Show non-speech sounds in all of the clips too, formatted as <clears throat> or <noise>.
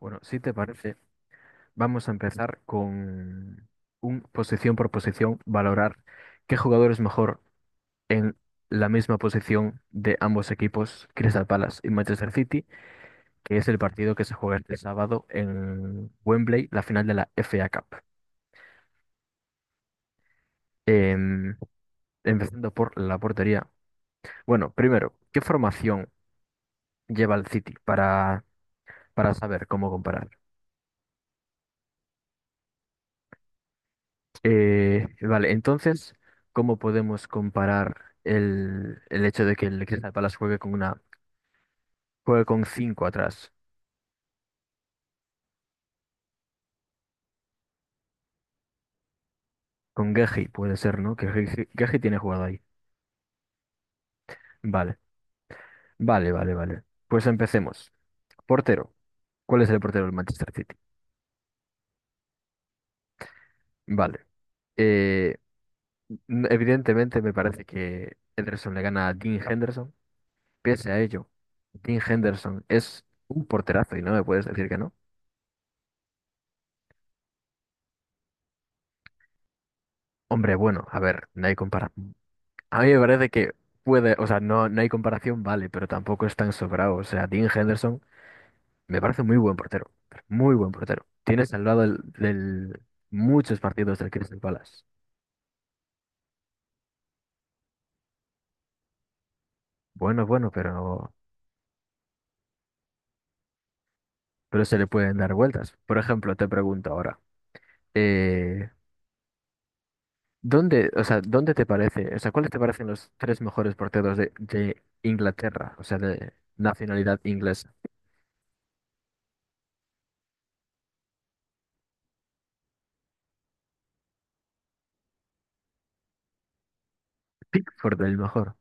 Bueno, si te parece, vamos a empezar con un posición por posición, valorar qué jugador es mejor en la misma posición de ambos equipos, Crystal Palace y Manchester City, que es el partido que se juega este sábado en Wembley, la final de la FA Cup. Em, Empezando por la portería. Bueno, primero, ¿qué formación lleva el City para saber cómo comparar? Vale, entonces, ¿cómo podemos comparar el hecho de que el Crystal Palace juegue con juegue con cinco atrás? Con Geji puede ser, ¿no? Que Geji tiene jugado ahí. Vale, vale, vale, vale. Pues empecemos. Portero. ¿Cuál es el portero del Manchester City? Vale. Eh, Evidentemente me parece que Henderson le gana a Dean Henderson. Pese a ello, Dean Henderson es un porterazo y no me puedes decir que no. Hombre, bueno, a ver, no hay comparación. A mí me parece que puede, o sea, no, no hay comparación, vale, pero tampoco es tan sobrado. O sea, Dean Henderson me parece muy buen portero, pero muy buen portero. Tiene salvado muchos partidos del Crystal Palace. Bueno, bueno, pero, pero se le pueden dar vueltas. Por ejemplo, te pregunto ahora, eh, ¿dónde, o sea, dónde te parece, o sea, cuáles te parecen los tres mejores porteros de Inglaterra, o sea, de nacionalidad inglesa? <laughs> Pickford el mejor.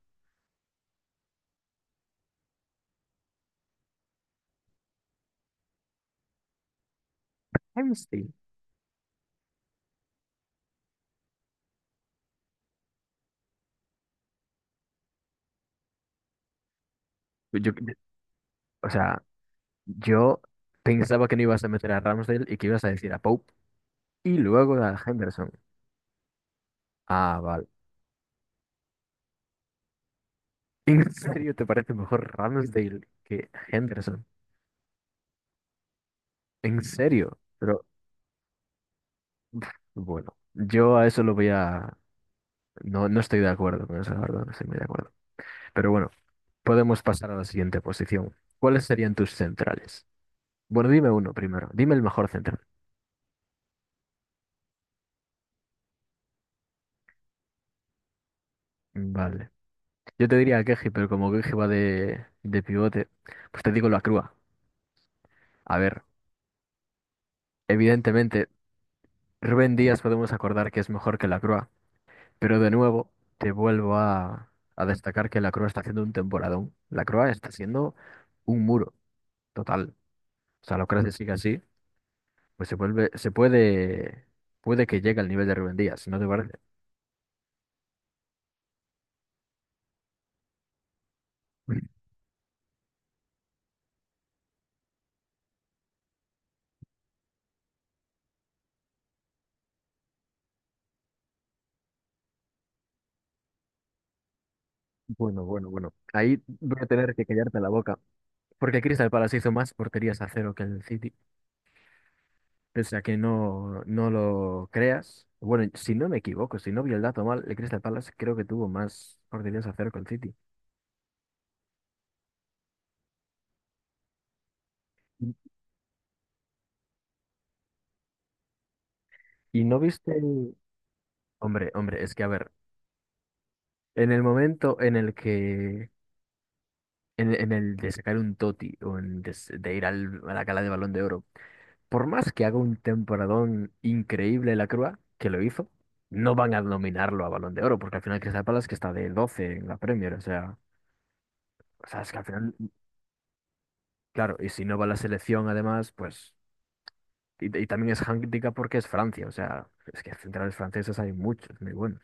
Hamsey. Yo- o sea, yo pensaba que no ibas a meter a Ramsdale y que ibas a decir a Pope y luego a Henderson. Ah, vale. <laughs> ¿En serio te parece mejor Ramsdale que Henderson? ¿En serio? Pero pf, bueno, yo a eso lo voy a... No, no estoy de acuerdo con eso, la verdad, no estoy muy de acuerdo. Pero bueno, podemos pasar a la siguiente posición. ¿Cuáles serían tus centrales? Bueno, dime uno primero, dime el mejor central. Vale. Yo te diría a Keji, pero como Keji va de pivote, pues te digo la Crua. A ver. Evidentemente, Rubén Díaz podemos acordar que es mejor que Lacroix, pero de nuevo te vuelvo a destacar que Lacroix está haciendo un temporadón. Lacroix está siendo un muro total. O sea, Lacroix si sigue así, pues se vuelve, se puede, puede que llegue al nivel de Rubén Díaz, si ¿no te parece? <clears throat> Bueno, bueno, bueno. Ahí voy a tener que callarte la boca, porque Crystal Palace hizo más porterías a cero que el City. O sea que no, no lo creas. Bueno, si no me equivoco, si no vi el dato mal, el Crystal Palace creo que tuvo más oportunidades a cero con el City. ¿Y y no viste hombre, hombre, es que a ver, en el momento en el que, en el de sacar un Toti o en de ir a la gala de Balón de Oro, por más que haga un temporadón increíble la Crua, que lo hizo, no van a nominarlo a Balón de Oro, porque al final Crystal Palace que está de 12 en la Premier, o sea, es que al final... Claro, y si no va a la selección además, pues y también es handicap porque es Francia, o sea, es que centrales franceses hay muchos, muy buenos.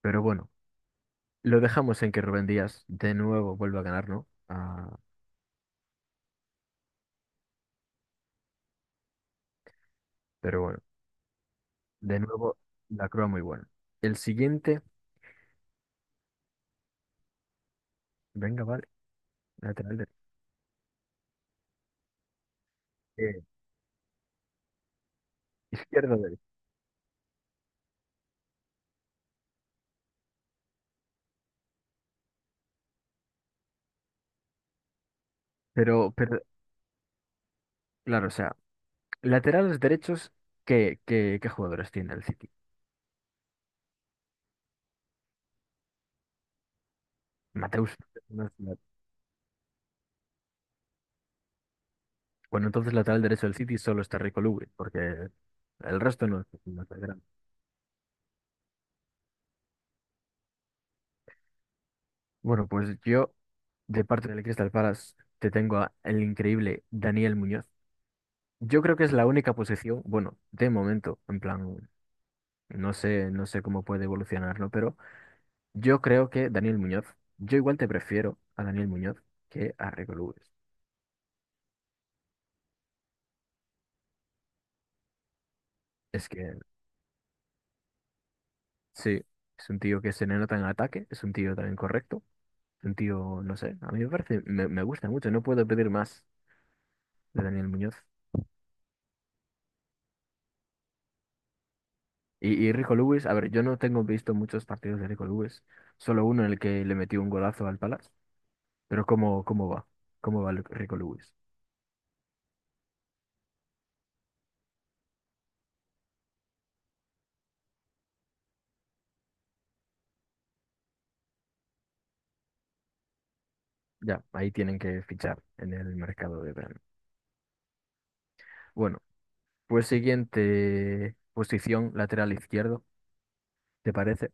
Pero bueno, lo dejamos en que Rubén Díaz de nuevo vuelva a ganar, ¿no? Ah, pero bueno, de nuevo, la Croa muy buena. El siguiente, venga, vale, lateral derecho. Izquierdo derecho. Pero, pero, claro, o sea, laterales derechos, ¿qué jugadores tiene el City? Mateus. No es la- Bueno, entonces lateral derecho del City solo está Rico Lewis, porque el resto no es no es lateral. Bueno, pues yo de parte del Crystal Palace, te tengo a el increíble Daniel Muñoz. Yo creo que es la única posición, bueno, de momento, en plan, no sé, no sé cómo puede evolucionarlo, pero yo creo que yo igual te prefiero a Daniel Muñoz que a Rico Lewis. Es que sí, es un tío que se le nota en ataque, es un tío también correcto, es un tío, no sé, a mí me parece, me gusta mucho, no puedo pedir más de Daniel Muñoz. Y Rico Lewis, a ver, yo no tengo visto muchos partidos de Rico Lewis, solo uno en el que le metió un golazo al Palace, pero ¿cómo va? ¿Cómo va Rico Lewis? Ya, ahí tienen que fichar en el mercado de verano. Bueno, pues siguiente posición, lateral izquierdo, ¿te parece?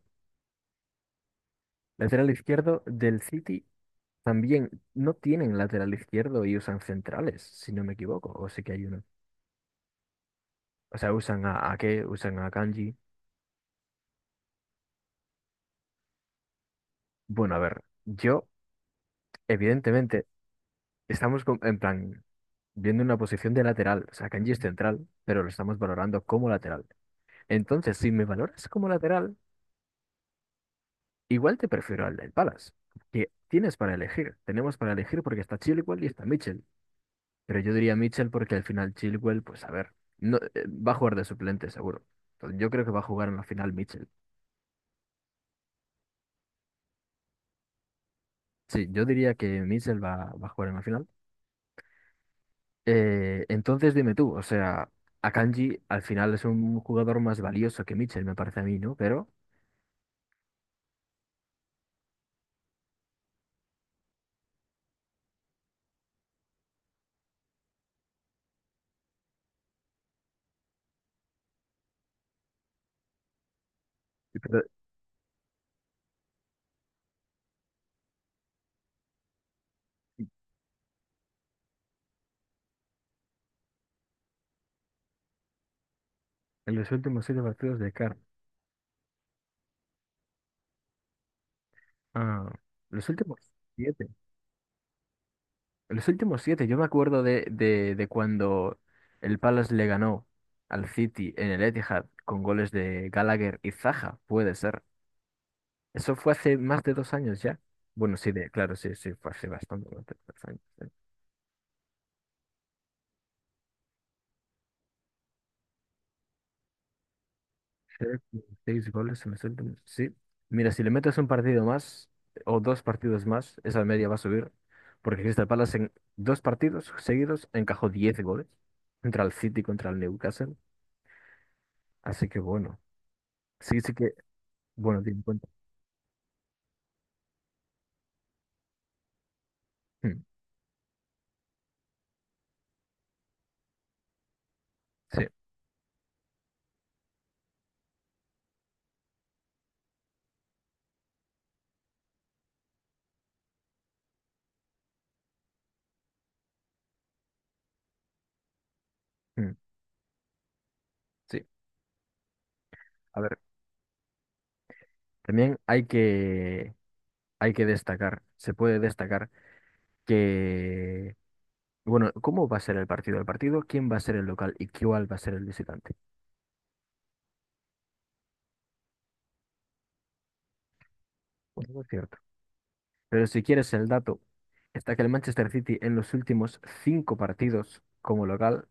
Lateral izquierdo del City también no tienen lateral izquierdo y usan centrales, si no me equivoco, o sí que hay uno. O sea, usan a qué, usan a Kanji. Bueno, a ver, yo, evidentemente, estamos en plan. Viendo una posición de lateral. O sea, Kanji es central, pero lo estamos valorando como lateral. Entonces, si me valoras como lateral, igual te prefiero al del Palace, que tienes para elegir. Tenemos para elegir porque está Chilwell y está Mitchell. Pero yo diría Mitchell porque al final Chilwell, pues a ver, no, va a jugar de suplente seguro. Entonces, yo creo que va a jugar en la final Mitchell. Sí, yo diría que Mitchell va a jugar en la final. Entonces, dime tú, o sea, Akanji al final es un jugador más valioso que Mitchell, me parece a mí, ¿no? Pero... Pero- En los últimos siete partidos de CAR. Ah, los últimos siete. Los últimos siete. Yo me acuerdo de cuando el Palace le ganó al City en el Etihad con goles de Gallagher y Zaha, puede ser. Eso fue hace más de dos años ya. Bueno, sí, de, claro, sí, sí, fue hace bastante, bastante años. Creo que seis goles se me sueltan. Sí. Mira, si le metes un partido más o dos partidos más, esa media va a subir. Porque Crystal Palace en dos partidos seguidos encajó 10 goles contra el City, contra el Newcastle. Así que bueno, sí, sí que, bueno, ten en cuenta. Mm, sí, mm, sí. A ver, también hay que destacar, se puede destacar que, bueno, ¿cómo va a ser el partido? El partido, ¿quién va a ser el local y cuál va a ser el visitante? Bueno, es cierto. Pero si quieres el dato, está que el Manchester City en los últimos cinco partidos como local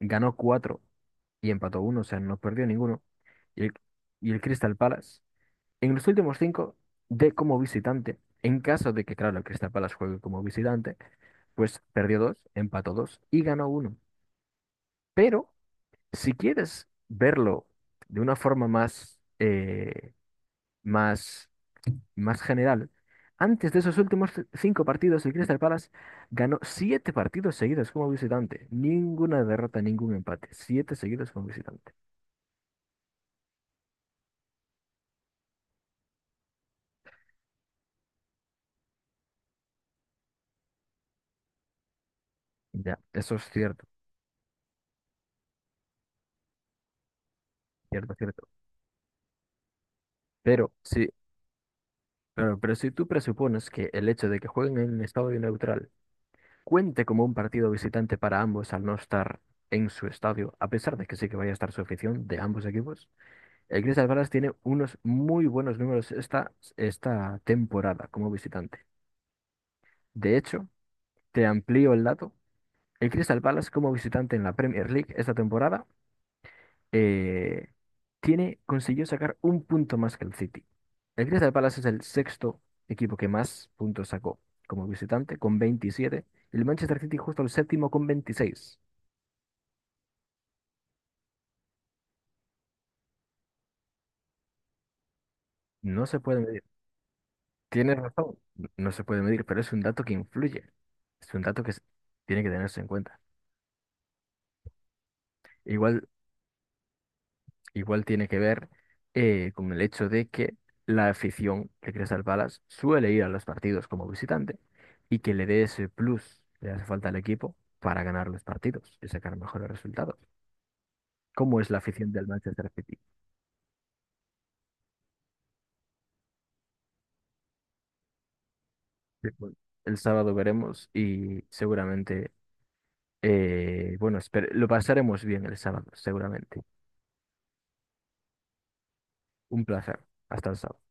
ganó cuatro y empató uno, o sea, no perdió ninguno. Y el, y el Crystal Palace, en los últimos cinco, de como visitante, en caso de que, claro, el Crystal Palace juegue como visitante, pues perdió dos, empató dos y ganó uno. Pero si quieres verlo de una forma más, más más general. Antes de esos últimos cinco partidos, el Crystal Palace ganó siete partidos seguidos como visitante. Ninguna derrota, ningún empate. Siete seguidos como visitante. Ya, eso es cierto, cierto, cierto. Pero sí, pero si tú presupones que el hecho de que jueguen en un estadio neutral cuente como un partido visitante para ambos al no estar en su estadio, a pesar de que sí que vaya a estar su afición de ambos equipos, el Crystal Palace tiene unos muy buenos números esta temporada como visitante. De hecho, te amplío el dato. El Crystal Palace como visitante en la Premier League esta temporada eh, tiene, consiguió sacar un punto más que el City. El Crystal Palace es el sexto equipo que más puntos sacó como visitante con 27 y el Manchester City justo el séptimo con 26. No se puede medir. Tienes razón, no se puede medir, pero es un dato que influye. Es un dato que tiene que tenerse en cuenta. Igual igual tiene que ver con el hecho de que la afición de Crystal Palace suele ir a los partidos como visitante y que le dé ese plus que le hace falta al equipo para ganar los partidos y sacar mejores resultados. ¿Cómo es la afición del Manchester City? Sí, bueno, el sábado veremos y seguramente, bueno, lo pasaremos bien el sábado, seguramente. Un placer. Hasta el sábado.